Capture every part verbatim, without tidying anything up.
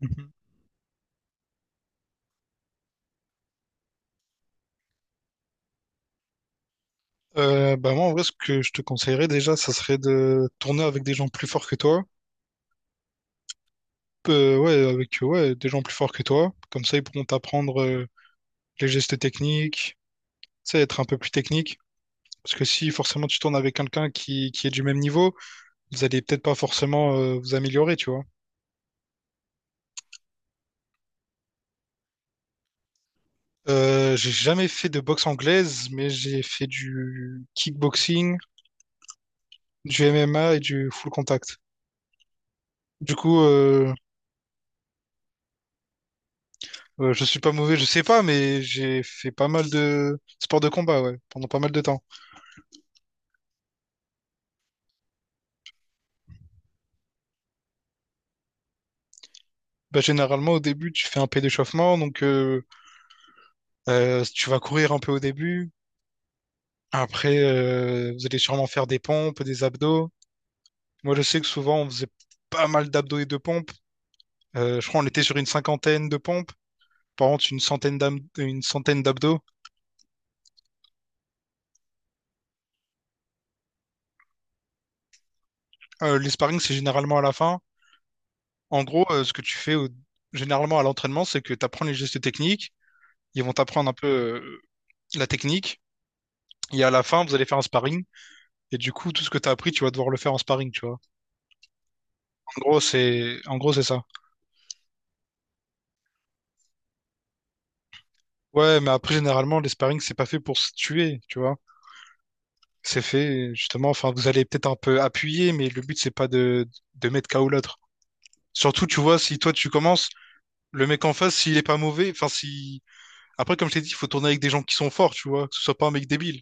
Mhm. Euh, bah moi en vrai ce que je te conseillerais déjà ça serait de tourner avec des gens plus forts que toi. Euh, ouais avec euh, ouais des gens plus forts que toi comme ça ils pourront t'apprendre euh, les gestes techniques. Tu sais être un peu plus technique parce que si forcément tu tournes avec quelqu'un qui, qui est du même niveau, vous allez peut-être pas forcément euh, vous améliorer, tu vois. Euh, j'ai jamais fait de boxe anglaise, mais j'ai fait du kickboxing, du M M A et du full contact. Du coup, euh, euh, je suis pas mauvais, je sais pas, mais j'ai fait pas mal de sports de combat, ouais, pendant pas mal de temps. Bah, généralement, au début, tu fais un peu d'échauffement, donc euh, euh, tu vas courir un peu au début. Après, euh, vous allez sûrement faire des pompes, des abdos. Moi, je sais que souvent, on faisait pas mal d'abdos et de pompes. Euh, je crois qu'on était sur une cinquantaine de pompes. Par contre, une centaine d'ab- une centaine d'abdos. Euh, les sparring, c'est généralement à la fin. En gros, euh, ce que tu fais au- généralement à l'entraînement, c'est que tu apprends les gestes techniques. Ils vont t'apprendre un peu euh, la technique. Et à la fin, vous allez faire un sparring. Et du coup, tout ce que tu as appris, tu vas devoir le faire en sparring, tu vois. En gros, c'est en gros, c'est ça. Ouais, mais après, généralement, les sparring, c'est pas fait pour se tuer, tu vois. C'est fait, justement, enfin, vous allez peut-être un peu appuyer, mais le but, c'est pas de, de mettre K O l'autre. Surtout, tu vois, si toi, tu commences, le mec en face, s'il est pas mauvais, enfin, si. Après, comme je t'ai dit, il faut tourner avec des gens qui sont forts, tu vois, que ce soit pas un mec débile.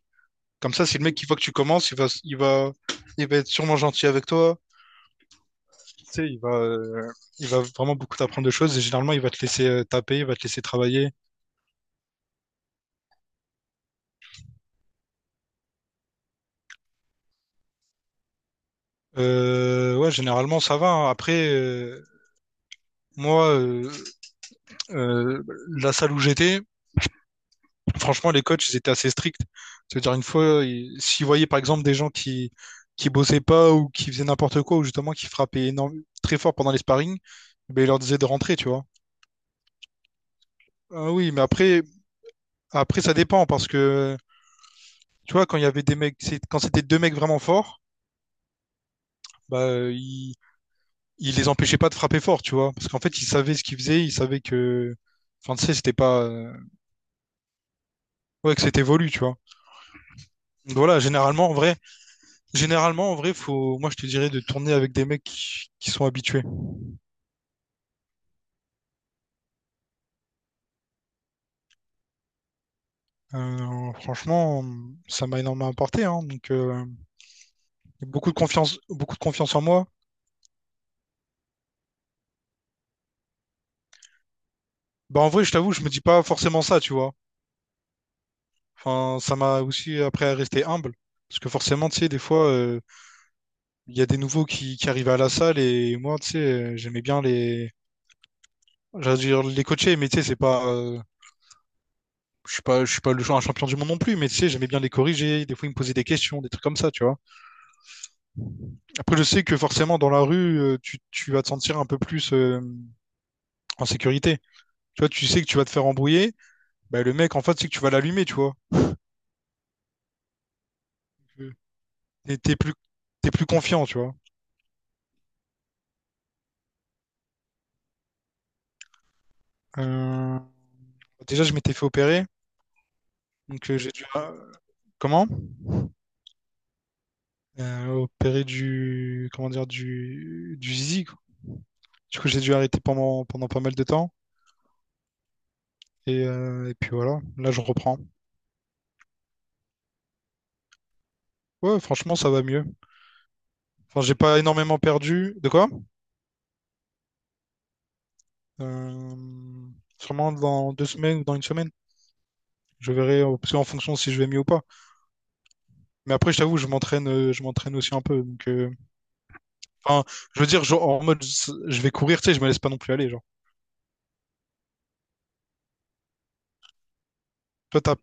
Comme ça, si le mec qui voit que tu commences, il va, il va, il va être sûrement gentil avec toi. Tu sais, il va, euh, il va vraiment beaucoup t'apprendre de choses et généralement, il va te laisser euh, taper, il va te laisser travailler. Euh, ouais, Généralement, ça va, hein. Après, euh, moi, euh, euh, la salle où j'étais, franchement, les coachs, ils étaient assez stricts. C'est-à-dire, une fois, ils- s'ils voyaient par exemple des gens qui, qui bossaient pas ou qui faisaient n'importe quoi ou justement qui frappaient énorme, très fort pendant les sparring, ben, ils leur disaient de rentrer, tu vois. Ah oui, mais après, après, ça dépend parce que tu vois, quand il y avait des mecs, c'est- quand c'était deux mecs vraiment forts, bah, euh, ils, ils les empêchaient pas de frapper fort, tu vois, parce qu'en fait, ils savaient ce qu'ils faisaient, ils savaient que, enfin, tu sais, c'était pas, euh, ouais, que c'était voulu, tu vois. Donc voilà, généralement, en vrai, généralement, en vrai, faut, moi, je te dirais de tourner avec des mecs qui, qui sont habitués. Euh, franchement, ça m'a énormément apporté, hein, donc euh, beaucoup de confiance, beaucoup de confiance en moi. Bah, en vrai, je t'avoue, je me dis pas forcément ça, tu vois. Enfin, ça m'a aussi appris à rester humble. Parce que forcément, tu sais, des fois, euh, il y a des nouveaux qui, qui arrivent à la salle et moi, tu sais, euh, j'aimais bien les, j'allais dire les coacher, mais tu sais, c'est pas, euh, je suis pas, je suis pas le genre un champion du monde non plus, mais tu sais, j'aimais bien les corriger. Des fois, ils me posaient des questions, des trucs comme ça, tu vois. Après, je sais que forcément, dans la rue, euh, tu, tu vas te sentir un peu plus euh, en sécurité. Tu vois, tu sais que tu vas te faire embrouiller. Bah, le mec, en fait, c'est que tu vas l'allumer, tu vois. T'es t'es plus, T'es plus confiant, tu vois. Euh, Déjà, je m'étais fait opérer, donc euh, j'ai dû, Comment? Euh, opéré du, comment dire, du, du zizi, quoi. Du coup, j'ai dû arrêter pendant, pendant pas mal de temps. Et, euh, et puis voilà, là, je reprends. Ouais, franchement, ça va mieux. Enfin, j'ai pas énormément perdu. De quoi? Euh, Sûrement dans deux semaines ou dans une semaine. Je verrai, euh, parce qu'en fonction si je vais mieux ou pas. Mais après, je t'avoue, je m'entraîne, euh, je m'entraîne aussi un peu. Donc, euh, enfin, je veux dire, genre, en mode, je vais courir, tu sais, je me laisse pas non plus aller, genre. Toi, t'as,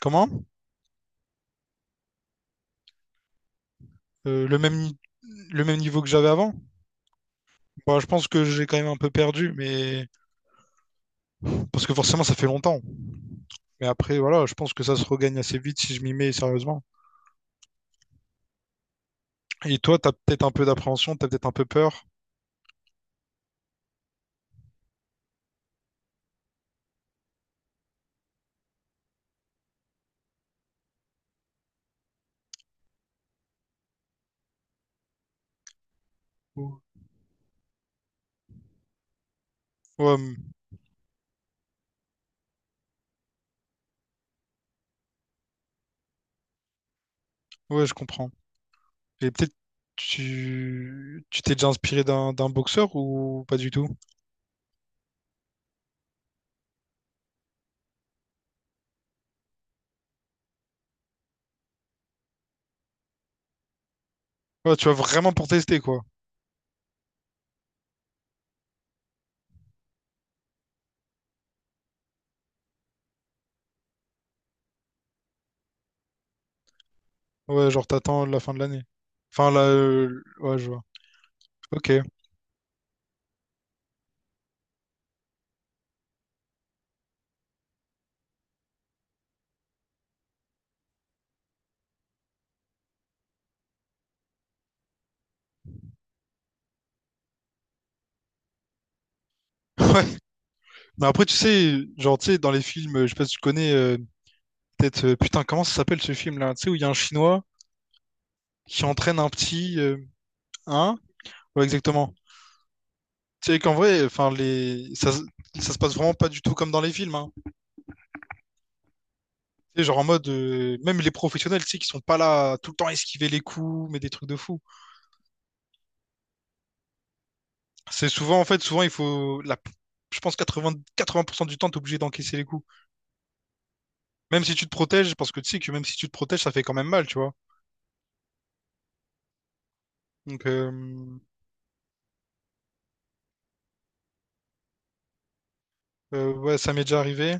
comment? Euh, le même, ni- Le même niveau que j'avais avant? Bon, je pense que j'ai quand même un peu perdu, mais parce que forcément ça fait longtemps. Mais après, voilà, je pense que ça se regagne assez vite si je m'y mets sérieusement. Et toi, t'as peut-être un peu d'appréhension, t'as peut-être un peu peur. Ou- Ouais, hum, ouais, je comprends. Et peut-être tu tu t'es déjà inspiré d'un d'un boxeur ou pas du tout? Ouais, tu vas vraiment pour tester, quoi. Ouais, genre, t'attends la fin de l'année. Enfin, là, euh, ouais, je vois. Ok. Ouais. Mais après, tu sais, genre, tu sais, dans les films, euh, je sais pas si tu connais, euh, peut-être, euh, putain, comment ça s'appelle ce film-là? Tu sais, où il y a un Chinois qui entraîne un petit, euh, hein? Ouais, exactement. Tu sais qu'en vrai, enfin, les, ça, se- ça se passe vraiment pas du tout comme dans les films, hein. Tu sais, genre en mode, euh, même les professionnels, tu sais, qui sont pas là à tout le temps esquiver les coups, mais des trucs de fou. C'est souvent, en fait, souvent, il faut, la, je pense, quatre quatre pour cent du temps, t'es obligé d'encaisser les coups. Même si tu te protèges, parce que tu sais que même si tu te protèges, ça fait quand même mal, tu vois. Donc, euh, euh, ouais, ça m'est déjà arrivé.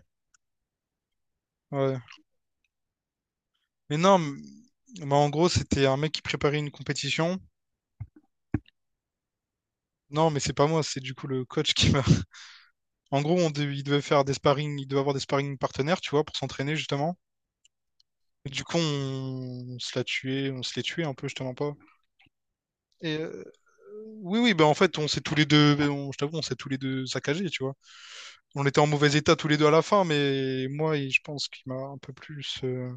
Ouais. Mais non, m- Bah, en gros, c'était un mec qui préparait une compétition. Non, mais c'est pas moi, c'est du coup le coach qui m'a. En gros, on dev- il devait faire des sparring, il devait avoir des sparring partenaires, tu vois, pour s'entraîner justement. Et du coup, on, on se l'a tué, on se l'est tué un peu, je te mens pas. Et euh, oui, oui, bah en fait, on s'est tous les deux, bah, on- je t'avoue, on s'est tous les deux saccagés, tu vois. On était en mauvais état tous les deux à la fin, mais moi, il- je pense qu'il m'a un peu plus. euh,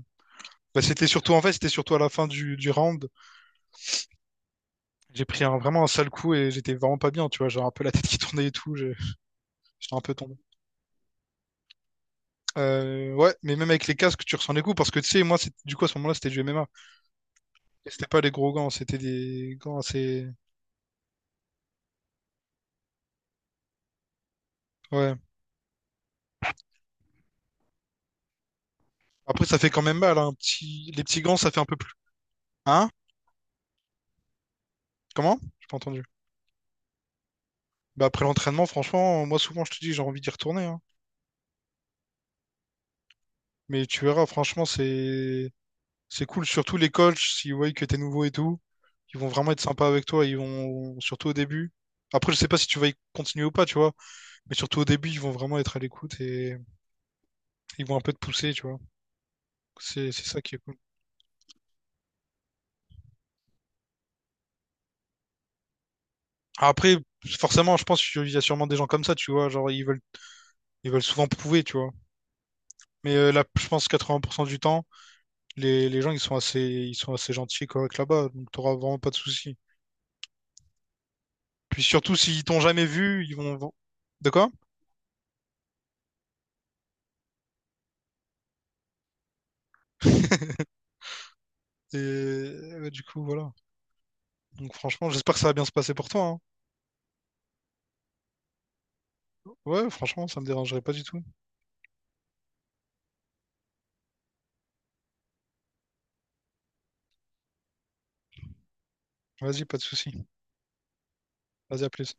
Bah, c'était surtout en fait, c'était surtout à la fin du, du round. J'ai pris un- vraiment un sale coup et j'étais vraiment pas bien, tu vois. J'avais un peu la tête qui tournait et tout. j'ai- J'étais un peu tombé. Euh, ouais, mais même avec les casques, tu ressens les coups parce que tu sais, moi, c'est- du coup, à ce moment-là, c'était du M MMA. Et c'était pas des gros gants, c'était des gants assez. Ouais. Après, ça fait quand même mal, hein, un petit... les petits gants, ça fait un peu plus. Hein? Comment? J'ai pas entendu. Bah, après l'entraînement, franchement, moi, souvent, je te dis, j'ai envie d'y retourner, hein. Mais tu verras, franchement, c'est. C'est cool, surtout les coachs, s'ils voient que t'es nouveau et tout, ils vont vraiment être sympas avec toi, ils vont, surtout au début. Après, je sais pas si tu vas y continuer ou pas, tu vois, mais surtout au début, ils vont vraiment être à l'écoute et ils vont un peu te pousser, tu vois. C'est c'est ça qui est cool. Après, forcément, je pense qu'il y a sûrement des gens comme ça, tu vois, genre ils veulent ils veulent souvent prouver, tu vois. Mais euh, là, je pense quatre-vingts pour cent du temps, les, les gens ils sont assez ils sont assez gentils et corrects là-bas, donc t'auras vraiment pas de soucis. Puis surtout s'ils t'ont jamais vu, ils vont. De quoi? Et euh, du coup, voilà. Donc franchement, j'espère que ça va bien se passer pour toi, hein. Ouais, franchement, ça me dérangerait pas du tout. Vas-y, pas de souci. Vas-y, à plus.